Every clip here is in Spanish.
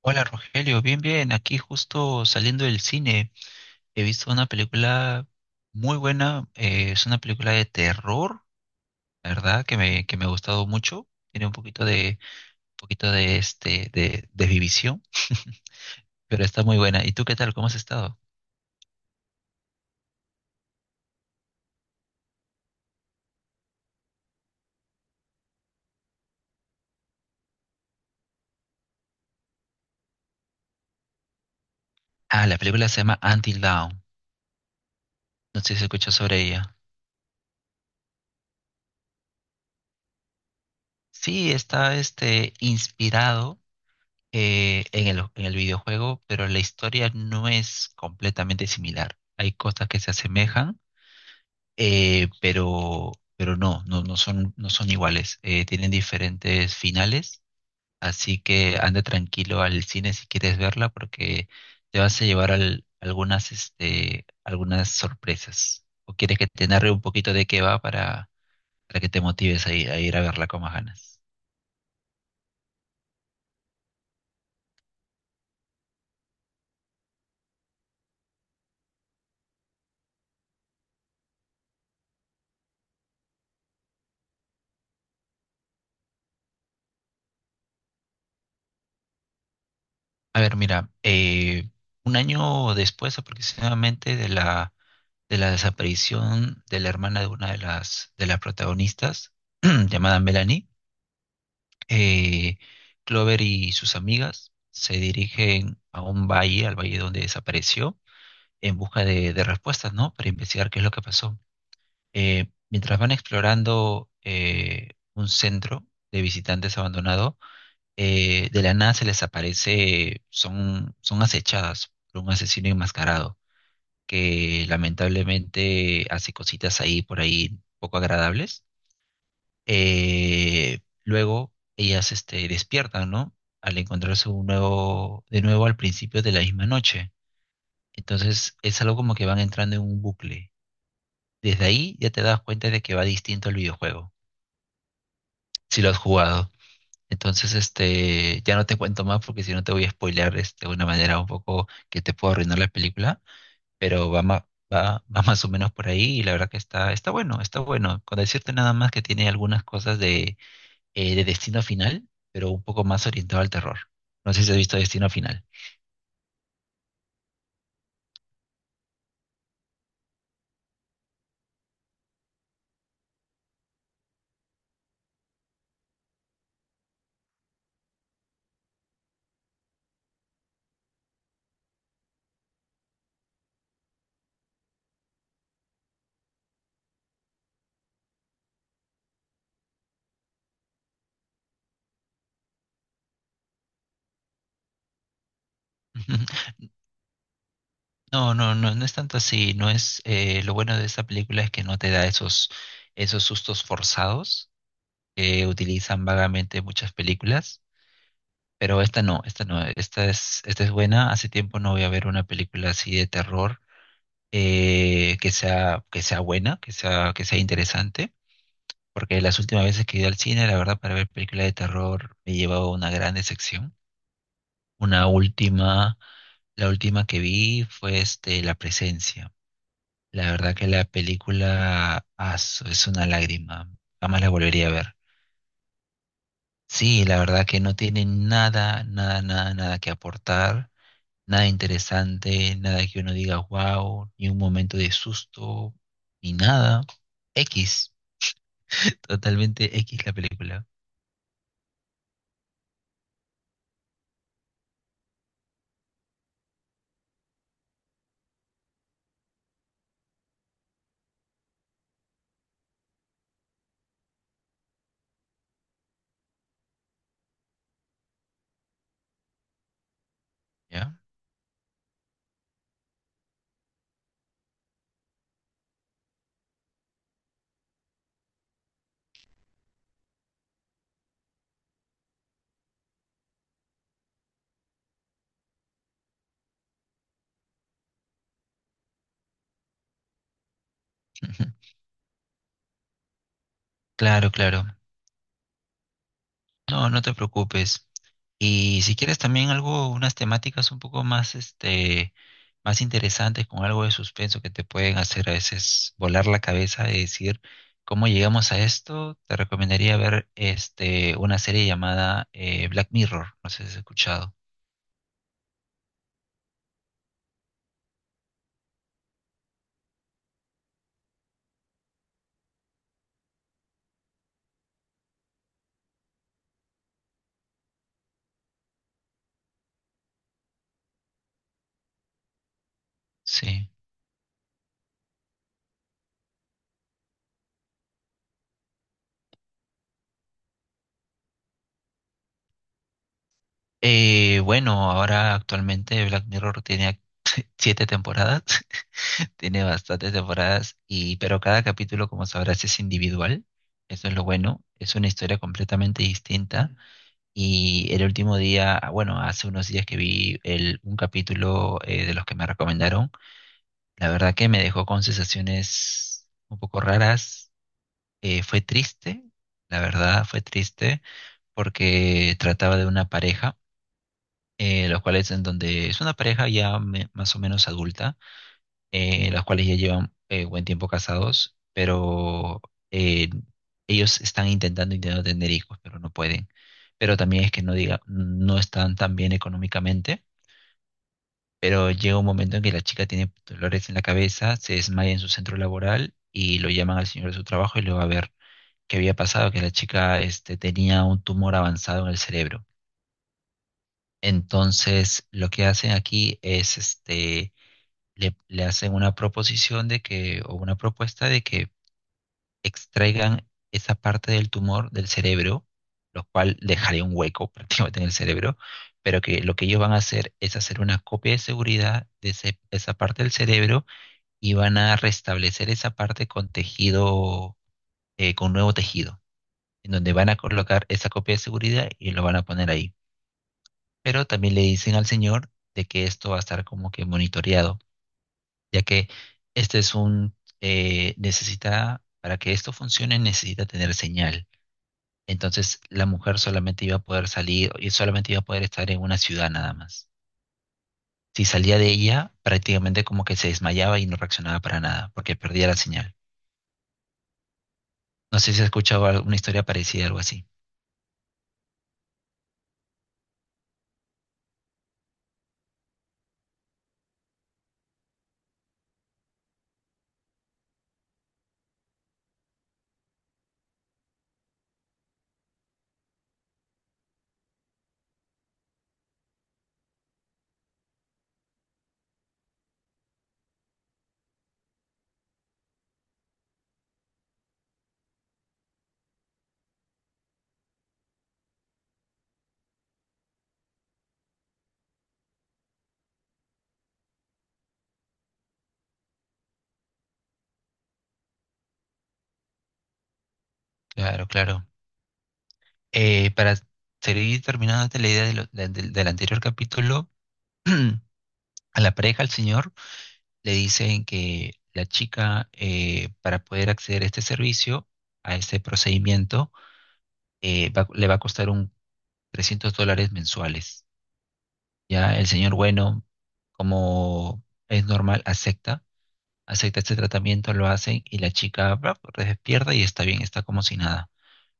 Hola Rogelio, bien, bien, aquí justo saliendo del cine. He visto una película muy buena, es una película de terror, la verdad, que me ha gustado mucho. Tiene un poquito de este, de Vivisión. Pero está muy buena. ¿Y tú qué tal? ¿Cómo has estado? Ah, la película se llama Until Dawn, no sé si escuchas sobre ella. Sí, está este, inspirado, en el videojuego, pero la historia no es completamente similar. Hay cosas que se asemejan, pero no, no, no son iguales. Tienen diferentes finales, así que anda tranquilo al cine si quieres verla, porque te vas a llevar algunas sorpresas. ¿O quieres que te narre un poquito de qué va para, que te motives a ir a verla con más ganas? A ver, mira, un año después aproximadamente de la, desaparición de la hermana de una de las protagonistas, llamada Melanie, eh, Clover y sus amigas se dirigen a un valle, al valle donde desapareció, en busca de, respuestas, ¿no? Para investigar qué es lo que pasó. Mientras van explorando, un centro de visitantes abandonado, de la nada se les aparece, son acechadas por un asesino enmascarado que lamentablemente hace cositas ahí por ahí poco agradables. Luego ellas este, despiertan, ¿no? Al encontrarse de nuevo al principio de la misma noche. Entonces es algo como que van entrando en un bucle. Desde ahí ya te das cuenta de que va distinto el videojuego, si lo has jugado. Entonces, este, ya no te cuento más, porque si no te voy a spoilear este, de una manera un poco que te puedo arruinar la película, pero va más o menos por ahí, y la verdad que está bueno, está bueno. Con decirte nada más que tiene algunas cosas de Destino Final, pero un poco más orientado al terror. No sé si has visto Destino Final. No, no, no, no es tanto así. No es, lo bueno de esta película es que no te da esos, sustos forzados que utilizan vagamente muchas películas. Pero esta no, esta no, esta es buena. Hace tiempo no voy a ver una película así de terror, que sea buena, que sea interesante. Porque las últimas veces que he ido al cine, la verdad, para ver películas de terror, me he llevado una gran decepción. Una última, la última que vi fue este, La Presencia. La verdad que la película es una lágrima. Jamás la volvería a ver. Sí, la verdad que no tiene nada, nada, nada, nada que aportar. Nada interesante, nada que uno diga wow, ni un momento de susto, ni nada. X, totalmente X la película, ¿ya? Claro, claro. No, no te preocupes. Y si quieres también algo, unas temáticas un poco más, este, más interesantes, con algo de suspenso que te pueden hacer a veces volar la cabeza y decir, ¿cómo llegamos a esto? Te recomendaría ver, este, una serie llamada, Black Mirror. No sé si has escuchado. Sí. Bueno, ahora actualmente Black Mirror tiene siete temporadas. Tiene bastantes temporadas, pero cada capítulo, como sabrás, es individual. Eso es lo bueno. Es una historia completamente distinta. Y el último día, ah, bueno, hace unos días que vi el, un capítulo, de los que me recomendaron, la verdad que me dejó con sensaciones un poco raras. Fue triste, la verdad, fue triste, porque trataba de una pareja, los cuales, en donde es una pareja ya más o menos adulta, los cuales ya llevan, buen tiempo casados, pero, eh, ellos están intentando tener hijos, pero no pueden. Pero también es que no diga, no están tan bien económicamente, pero llega un momento en que la chica tiene dolores en la cabeza, se desmaya en su centro laboral y lo llaman al señor de su trabajo y le va a ver qué había pasado, que la chica este, tenía un tumor avanzado en el cerebro. Entonces, lo que hacen aquí es este, le hacen una proposición de que, o una propuesta de que extraigan esa parte del tumor del cerebro, lo cual dejaría un hueco prácticamente en el cerebro, pero que lo que ellos van a hacer es hacer una copia de seguridad de esa parte del cerebro, y van a restablecer esa parte con tejido, con nuevo tejido, en donde van a colocar esa copia de seguridad y lo van a poner ahí. Pero también le dicen al señor de que esto va a estar como que monitoreado, ya que este es un, necesita, para que esto funcione, necesita tener señal. Entonces la mujer solamente iba a poder salir y solamente iba a poder estar en una ciudad nada más. Si salía de ella, prácticamente como que se desmayaba y no reaccionaba para nada, porque perdía la señal. No sé si has escuchado una historia parecida, algo así. Claro, claro. Para seguir terminándote la idea de del anterior capítulo, a la pareja, al señor, le dicen que la chica, para poder acceder a este servicio, a este procedimiento, le va a costar un $300 mensuales. Ya el señor, bueno, como es normal, acepta este tratamiento, lo hacen y la chica pues, despierta y está bien, está como si nada.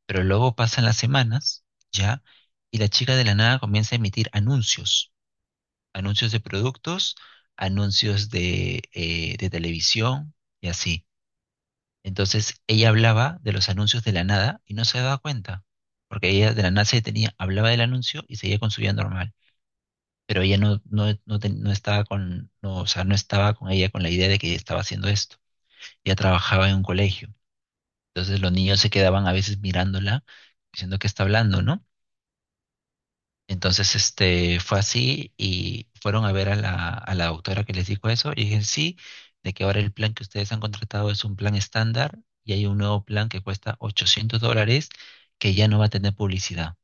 Pero luego pasan las semanas, ya, y la chica de la nada comienza a emitir anuncios, anuncios de productos, anuncios de televisión y así. Entonces ella hablaba de los anuncios de la nada y no se daba cuenta, porque ella de la nada se detenía, hablaba del anuncio y seguía con su vida normal, pero ella no, no, no, no estaba con, no, o sea, no estaba con ella con la idea de que estaba haciendo esto. Ella trabajaba en un colegio, entonces los niños se quedaban a veces mirándola, diciendo que está hablando, ¿no? Entonces, este, fue así y fueron a ver a la, doctora, que les dijo eso y dije, sí, de que ahora el plan que ustedes han contratado es un plan estándar, y hay un nuevo plan que cuesta $800, que ya no va a tener publicidad.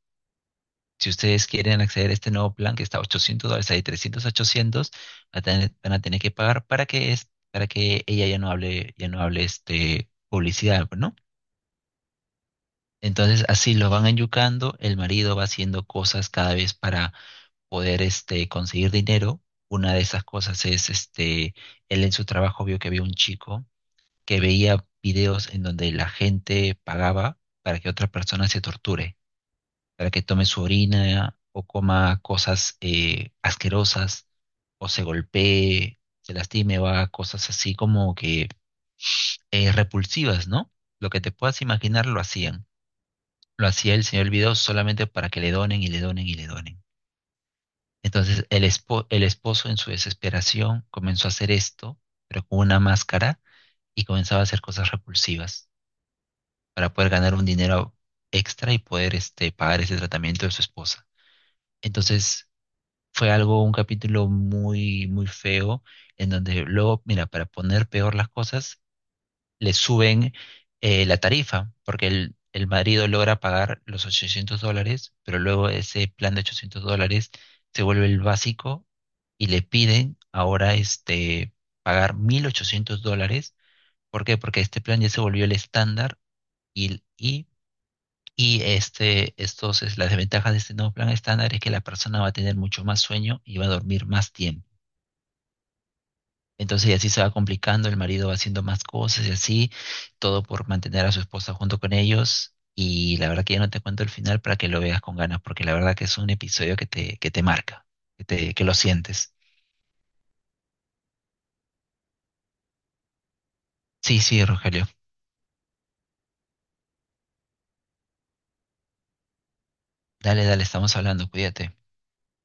Si ustedes quieren acceder a este nuevo plan que está a $800, hay 300 a 800, van a tener que pagar para que, para que ella ya no hable, este, publicidad, ¿no? Entonces, así lo van enyucando, el marido va haciendo cosas cada vez para poder este, conseguir dinero. Una de esas cosas es, este, él en su trabajo vio que había un chico que veía videos en donde la gente pagaba para que otra persona se torture, para que tome su orina o coma cosas, asquerosas, o se golpee, se lastime o haga cosas así, como que, repulsivas, ¿no? Lo que te puedas imaginar lo hacían, lo hacía el señor Vidal solamente para que le donen y le donen y le donen. Entonces el, el esposo, en su desesperación, comenzó a hacer esto, pero con una máscara, y comenzaba a hacer cosas repulsivas para poder ganar un dinero extra y poder este, pagar ese tratamiento de su esposa. Entonces fue algo, un capítulo muy, muy feo, en donde luego, mira, para poner peor las cosas, le suben, la tarifa, porque el Madrid logra pagar los $800, pero luego ese plan de $800 se vuelve el básico, y le piden ahora este, pagar $1.800. ¿Por qué? Porque este plan ya se volvió el estándar, y, y, y las desventajas de este nuevo plan estándar es que la persona va a tener mucho más sueño y va a dormir más tiempo. Entonces, y así se va complicando, el marido va haciendo más cosas y así, todo por mantener a su esposa junto con ellos. Y la verdad que ya no te cuento el final para que lo veas con ganas, porque la verdad que es un episodio que que te marca, que lo sientes. Sí, sí, Rogelio. Dale, dale, estamos hablando, cuídate.